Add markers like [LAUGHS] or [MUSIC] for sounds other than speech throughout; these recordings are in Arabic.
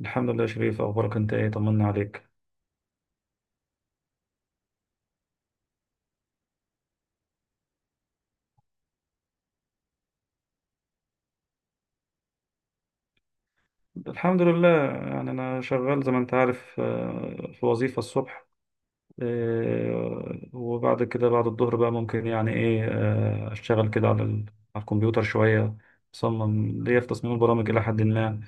الحمد لله يا شريف، اخبارك انت ايه؟ طمنا عليك. الحمد لله، يعني انا شغال زي ما انت عارف، في وظيفة الصبح. وبعد كده بعد الظهر بقى ممكن يعني ايه آه، اشتغل كده على الكمبيوتر شوية. اصمم ليا في تصميم البرامج الى حد ما.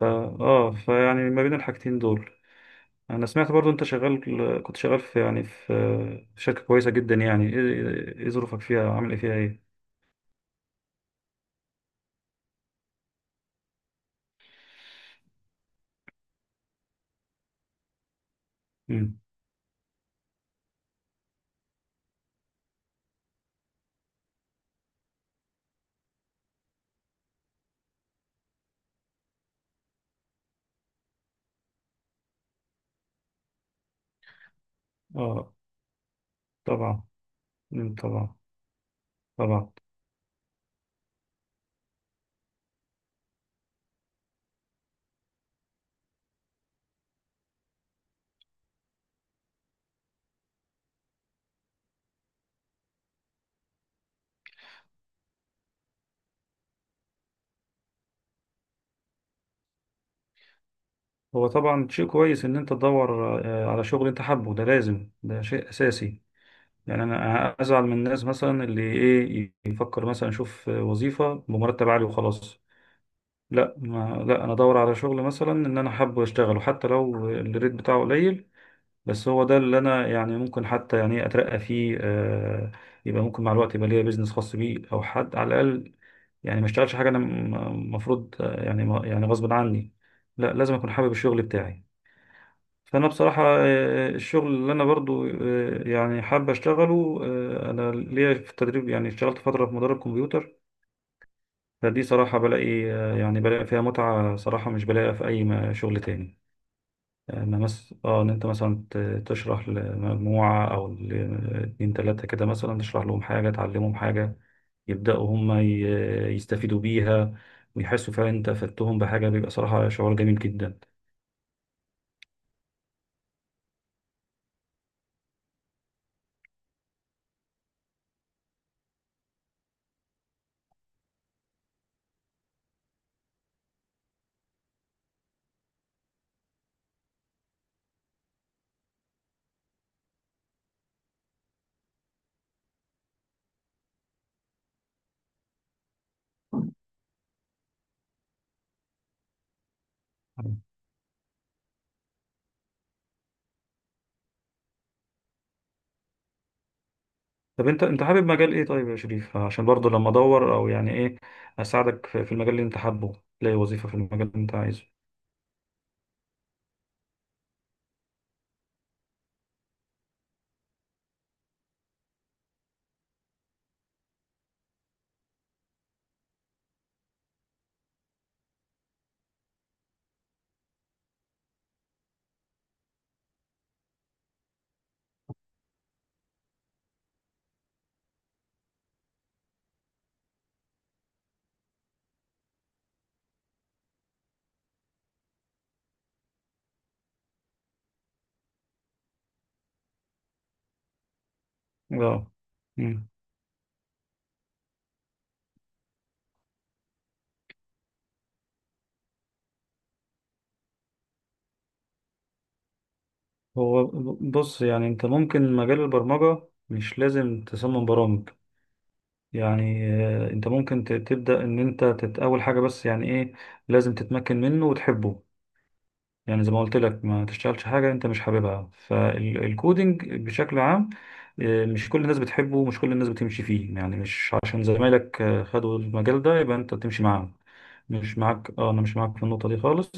فا اه فيعني ما بين الحاجتين دول، انا سمعت برضو انت شغال كنت شغال في شركة كويسة جدا. إيه ظروفك فيها؟ عامل ايه فيها ايه؟ امم. اه، طبعا. امم، طبعا، طبعا. هو طبعا شيء كويس ان انت تدور على شغل انت حابه، ده لازم، ده شيء اساسي. يعني انا ازعل من الناس مثلا اللي يفكر مثلا اشوف وظيفة بمرتب عالي وخلاص. لا ما لا، انا ادور على شغل مثلا ان انا حابه اشتغله، حتى لو الريت بتاعه قليل. بس هو ده اللي انا يعني ممكن حتى يعني اترقى فيه، يبقى ممكن مع الوقت يبقى ليا بيزنس خاص بيه، او حد على الاقل. يعني ما اشتغلش حاجة انا، المفروض، يعني يعني غصب عني. لا، لازم اكون حابب الشغل بتاعي. فانا بصراحه، الشغل اللي انا برضو يعني حابب اشتغله، انا ليا في التدريب، يعني اشتغلت فتره في مدرب كمبيوتر. فدي صراحه بلاقي، يعني بلاقي فيها متعه صراحه، مش بلاقيها في اي شغل تاني. اما مس اه ان انت مثلا تشرح لمجموعه او اتنين تلاته كده، مثلا تشرح لهم حاجه، تعلمهم حاجه، يبداوا هم يستفيدوا بيها، ويحسوا فعلا انت افدتهم بحاجه، بيبقى صراحه شعور جميل جدا. طب انت حابب مجال ايه، طيب يا شريف؟ عشان برضه لما ادور، او يعني ايه اساعدك في المجال اللي انت حابه، تلاقي وظيفة في المجال اللي انت عايزه. اه، مم. هو بص، يعني انت ممكن مجال البرمجة مش لازم تصمم برامج. يعني انت ممكن تبدأ ان انت اول حاجة، بس يعني ايه لازم تتمكن منه وتحبه. يعني زي ما قلت لك ما تشتغلش حاجة انت مش حاببها. فالكودينج بشكل عام، مش كل الناس بتحبه، ومش كل الناس بتمشي فيه، يعني مش عشان زمايلك خدوا المجال ده يبقى انت تمشي معاهم. مش معاك اه انا مش معاك في النقطة دي خالص.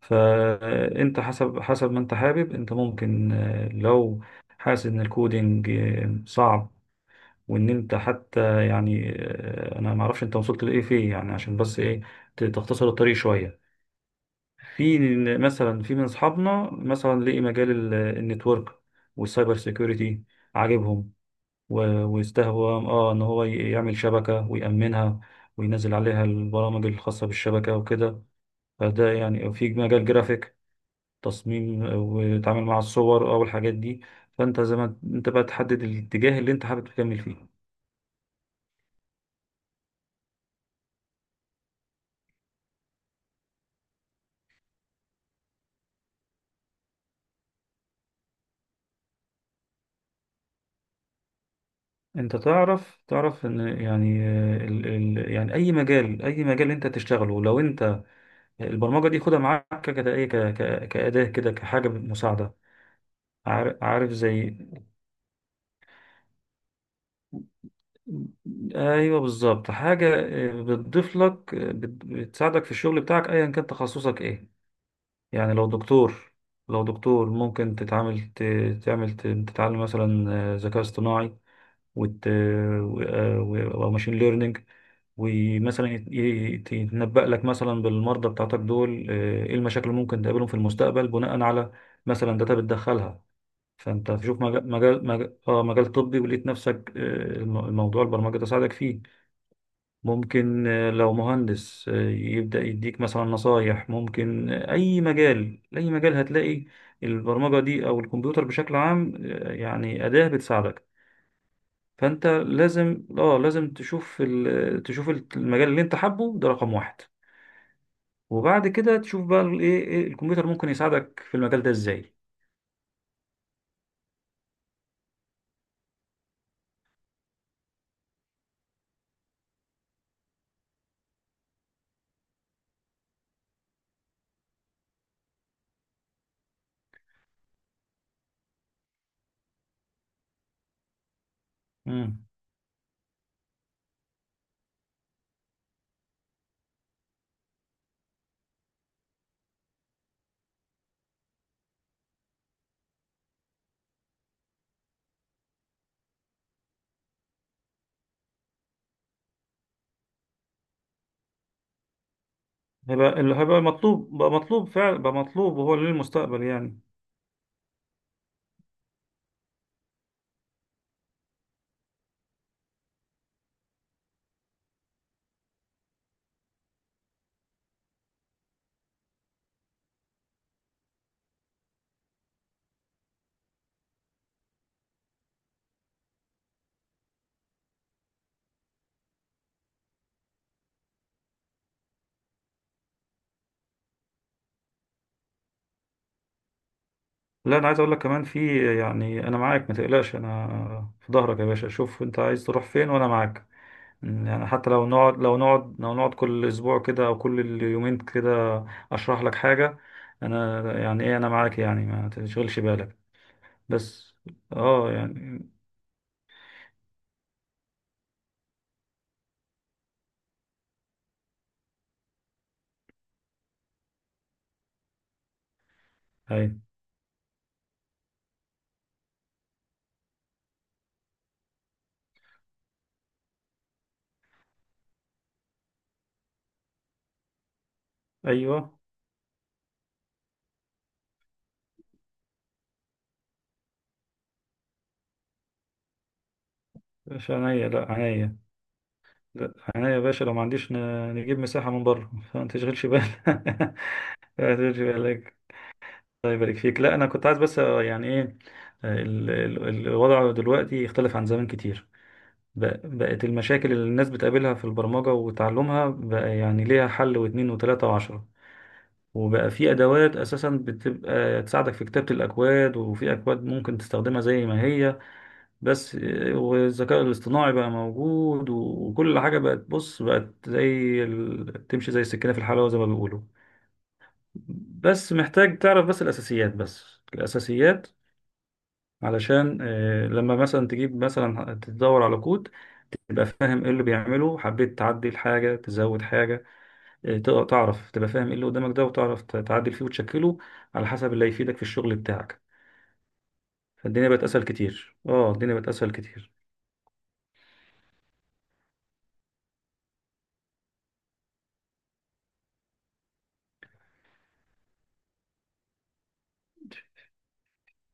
فانت، حسب ما انت حابب، انت ممكن، لو حاسس ان الكودينج صعب، وان انت حتى يعني، انا ما اعرفش انت وصلت لايه فيه، يعني عشان بس ايه تختصر الطريق شوية. في، مثلا في من اصحابنا مثلا لقي مجال النتورك والسايبر سيكيورتي عاجبهم، و- واستهوى ان هو يعمل شبكه ويأمنها، وينزل عليها البرامج الخاصه بالشبكه وكده. فده يعني، في مجال جرافيك، تصميم ويتعامل مع الصور او الحاجات دي. فانت زي ما انت بقى تحدد الاتجاه اللي انت حابب تكمل فيه. انت تعرف ان، يعني ال ال يعني اي مجال انت تشتغله، لو انت البرمجة دي خدها معاك كده، ايه كأداة كده، كحاجة مساعدة. عارف، زي، ايوه بالظبط، حاجة بتضيف لك، بتساعدك في الشغل بتاعك ايا كان تخصصك ايه. يعني لو دكتور، ممكن تتعامل، تعمل، تتعلم مثلا ذكاء اصطناعي، وت... و... آه، و... وماشين ليرنينج. ومثلا يتنبأ لك مثلا بالمرضى بتاعتك دول، ايه المشاكل اللي ممكن تقابلهم في المستقبل بناء على مثلا داتا بتدخلها. فانت هتشوف مجال طبي، ولقيت نفسك، الموضوع البرمجة ده ساعدك فيه. ممكن لو مهندس يبدأ يديك مثلا نصايح. ممكن أي مجال هتلاقي البرمجة دي أو الكمبيوتر بشكل عام يعني أداة بتساعدك. فأنت لازم تشوف تشوف المجال اللي أنت حابه ده رقم واحد، وبعد كده تشوف بقى الإيه إيه إيه الكمبيوتر ممكن يساعدك في المجال ده إزاي. مم. هيبقى اللي هيبقى مطلوب، بقى مطلوب فعلا، بقى مطلوب وهو للمستقبل، يعني. لا، انا عايز اقول لك كمان في، يعني انا معاك ما تقلقش، انا في ظهرك يا باشا، شوف انت عايز تروح فين وانا معاك. يعني حتى لو نقعد كل اسبوع كده، او كل يومين كده، اشرح لك حاجة، انا يعني ايه انا معاك، يعني ما تشغلش بالك. بس. اه يعني هاي، ايوه باشا، عينيا. لا، عينيا. لا، عينيا يا باشا، لو ما عنديش نجيب مساحة من بره، فما تشغلش بالك. [LAUGHS] لا، تمشي بالك. الله يبارك فيك. لا، انا كنت عايز بس، آه، يعني ايه الوضع دلوقتي اختلف عن زمان كتير. بقت المشاكل اللي الناس بتقابلها في البرمجة وتعلمها بقى، يعني ليها حل واتنين وتلاتة وعشرة، وبقى في ادوات اساسا بتبقى تساعدك في كتابة الاكواد، وفي اكواد ممكن تستخدمها زي ما هي. بس والذكاء الاصطناعي بقى موجود، وكل حاجة بقت زي تمشي زي السكينة في الحلاوة زي ما بيقولوا. بس محتاج تعرف بس الأساسيات، بس الأساسيات. علشان لما مثلا تجيب، مثلا تدور على كود، تبقى فاهم ايه اللي بيعمله، حبيت تعدل حاجة تزود حاجة، تقدر تعرف، تبقى فاهم ايه اللي قدامك ده، وتعرف تعدل فيه وتشكله على حسب اللي هيفيدك في الشغل بتاعك. فالدنيا بقت أسهل كتير، اه، الدنيا بقت أسهل كتير.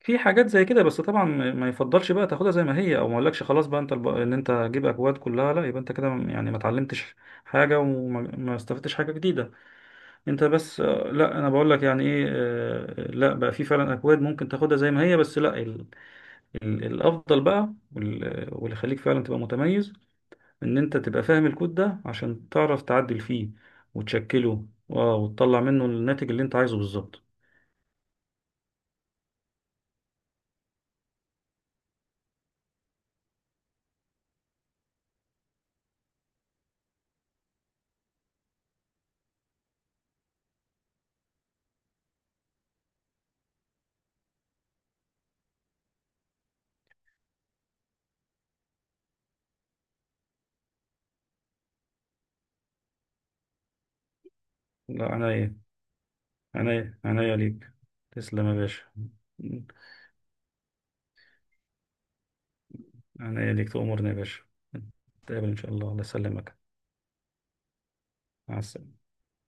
في حاجات زي كده. بس طبعا ما يفضلش بقى تاخدها زي ما هي، او ما اقولكش خلاص بقى انت ان انت تجيب اكواد كلها، لا، يبقى انت كده يعني ما اتعلمتش حاجه، وما ما استفدتش حاجه جديده. انت بس، لا، انا بقول لك يعني ايه آه، لا، بقى في فعلا اكواد ممكن تاخدها زي ما هي، بس لا، ال ال الافضل بقى، واللي يخليك فعلا تبقى متميز ان انت تبقى فاهم الكود ده عشان تعرف تعدل فيه وتشكله، وتطلع منه الناتج اللي انت عايزه بالظبط. لا، عناية، عناية، عناية ليك. تسلم يا باشا، عناية ليك، تؤمرني يا باشا. نتقابل ان شاء الله. الله يسلمك، مع السلامة.